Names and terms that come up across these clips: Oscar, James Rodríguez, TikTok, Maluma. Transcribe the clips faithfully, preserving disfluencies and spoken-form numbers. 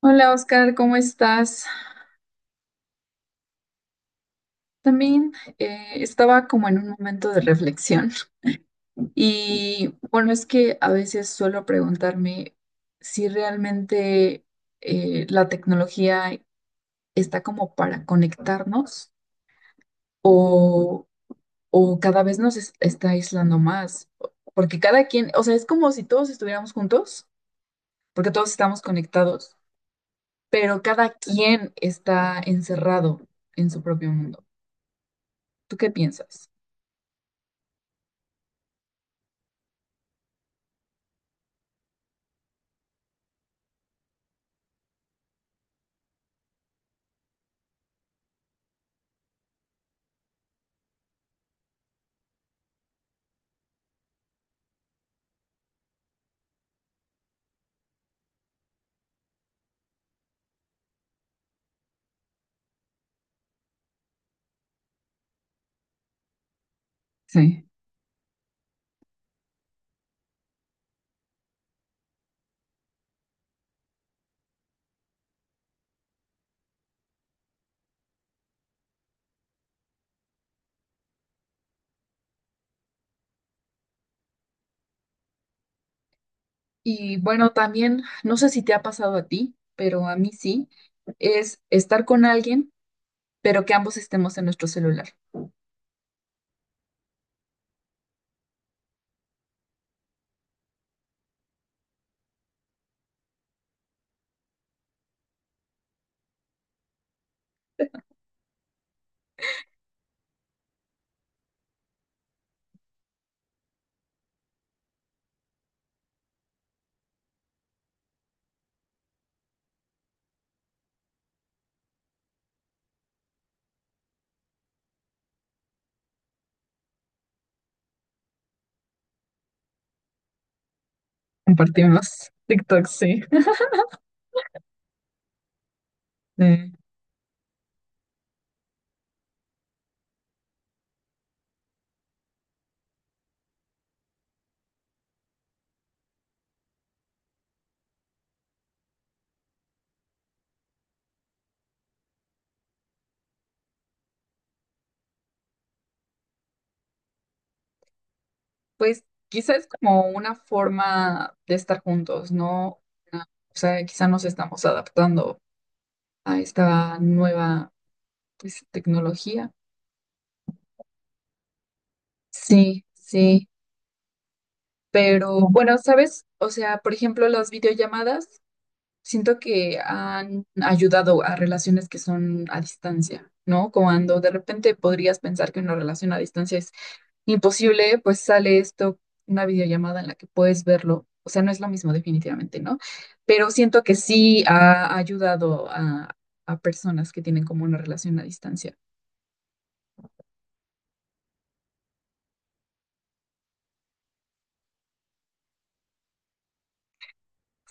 Hola Oscar, ¿cómo estás? También eh, estaba como en un momento de reflexión y bueno, es que a veces suelo preguntarme si realmente eh, la tecnología está como para conectarnos o, o cada vez nos es- está aislando más, porque cada quien, o sea, es como si todos estuviéramos juntos, porque todos estamos conectados, pero cada quien está encerrado en su propio mundo. ¿Tú qué piensas? Sí. Y bueno, también, no sé si te ha pasado a ti, pero a mí sí, es estar con alguien, pero que ambos estemos en nuestro celular. Compartimos TikTok, sí. Eh, pues quizás es como una forma de estar juntos, ¿no? Una- O sea, quizá nos estamos adaptando a esta nueva, pues, tecnología. Sí, sí. Pero bueno, ¿sabes? O sea, por ejemplo, las videollamadas. Siento que han ayudado a relaciones que son a distancia, ¿no? Cuando de repente podrías pensar que una relación a distancia es imposible, pues sale esto, una videollamada en la que puedes verlo. O sea, no es lo mismo definitivamente, ¿no? Pero siento que sí ha ayudado a, a personas que tienen como una relación a distancia.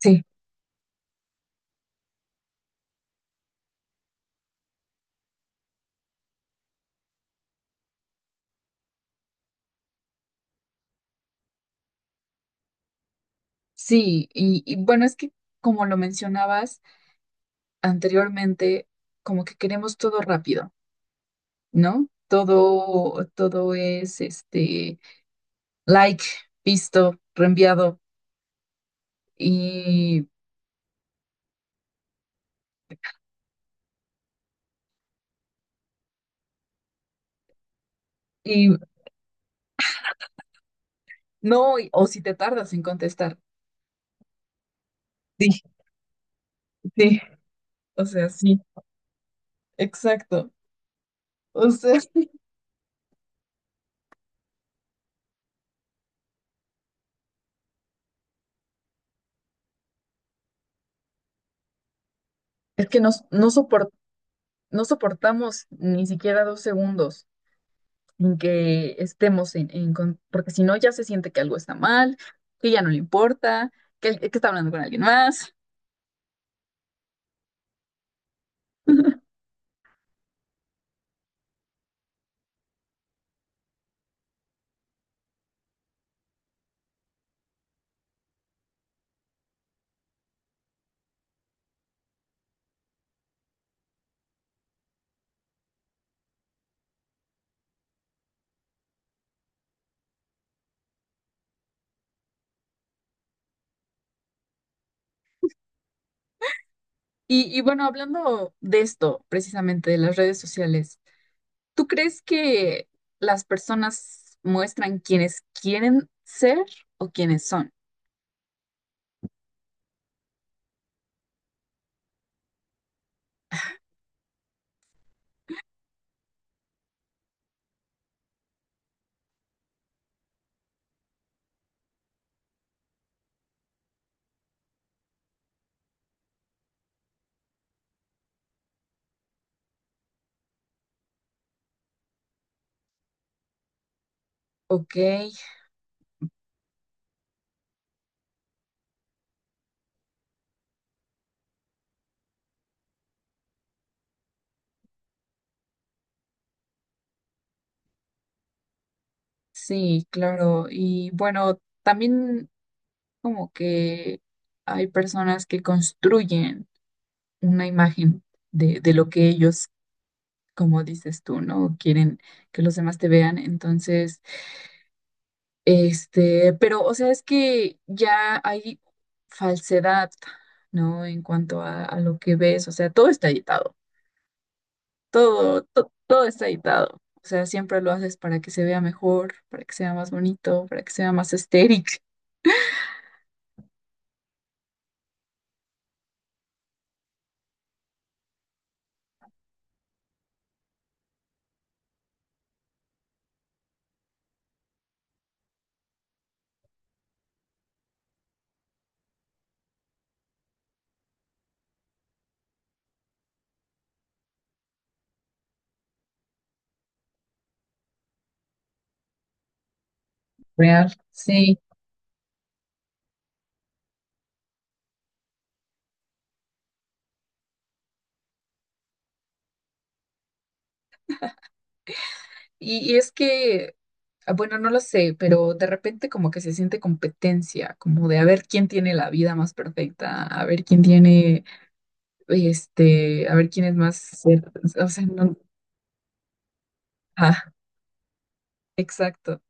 Sí, sí. Y, y bueno, es que como lo mencionabas anteriormente, como que queremos todo rápido. ¿No? Todo, todo es este like, visto, reenviado y, y no, y- o si te tardas en contestar. Sí, sí, o sea, sí, exacto. O sea, es que nos, no sopor- no soportamos ni siquiera dos segundos sin que estemos en, en con- porque si no ya se siente que algo está mal, que ya no le importa, que, el- que está hablando con alguien más. Y, y bueno, hablando de esto, precisamente de las redes sociales. ¿Tú crees que las personas muestran quienes quieren ser o quienes son? Ok, sí, claro. Y bueno, también como que hay personas que construyen una imagen de, de lo que ellos, como dices tú, ¿no? Quieren que los demás te vean. Entonces, este, pero, o sea, es que ya hay falsedad, ¿no? En cuanto a, a lo que ves, o sea, todo está editado. Todo, to- todo está editado. O sea, siempre lo haces para que se vea mejor, para que sea más bonito, para que sea más estético. Real, sí. Y, y es que, ah, bueno, no lo sé, pero de repente como que se siente competencia, como de a ver quién tiene la vida más perfecta, a ver quién tiene, este, a ver quién es más, cer- o sea, no, ah, exacto.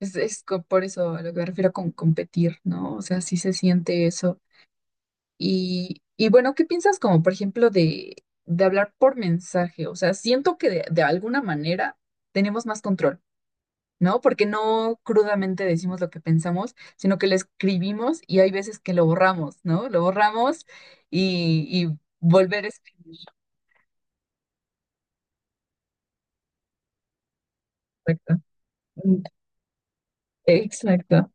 Es, es co- por eso a lo que me refiero con competir, ¿no? O sea, sí se siente eso. Y, y bueno, ¿qué piensas como, por ejemplo, de, de hablar por mensaje? O sea, siento que de, de alguna manera tenemos más control, ¿no? Porque no crudamente decimos lo que pensamos, sino que lo escribimos y hay veces que lo borramos, ¿no? Lo borramos y, y volver a escribir. Exacto. Mm. Exacto.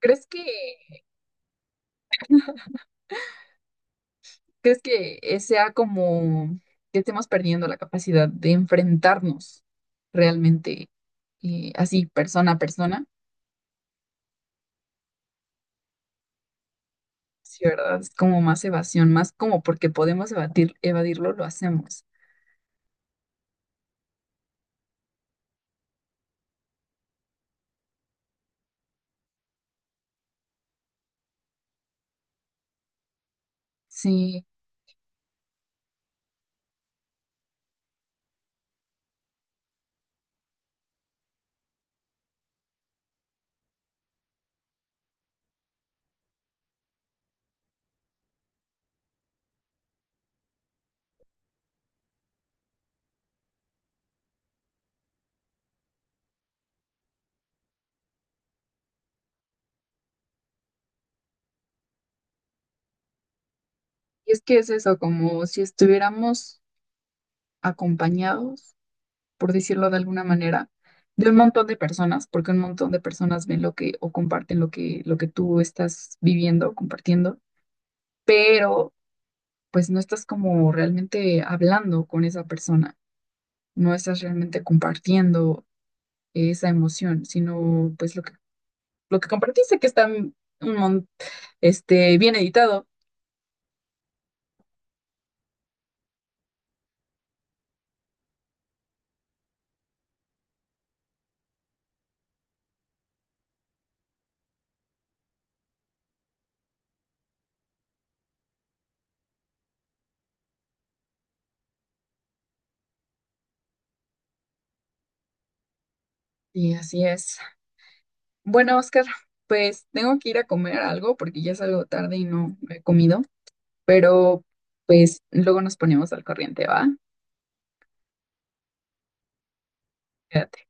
¿Crees que, ¿crees que eh, sea como que estemos perdiendo la capacidad de enfrentarnos realmente, eh, así, persona a persona? Sí, ¿verdad? Es como más evasión, más como porque podemos evadir, evadirlo, lo hacemos. Sí, y es que es eso, como si estuviéramos acompañados, por decirlo de alguna manera, de un montón de personas, porque un montón de personas ven lo que o comparten lo que, lo que tú estás viviendo, compartiendo, pero pues no estás como realmente hablando con esa persona, no estás realmente compartiendo esa emoción, sino pues lo que lo que compartiste, que está un mon- este, bien editado. Y así es. Bueno, Oscar, pues tengo que ir a comer algo porque ya es algo tarde y no he comido, pero pues luego nos ponemos al corriente, ¿va? Cuídate.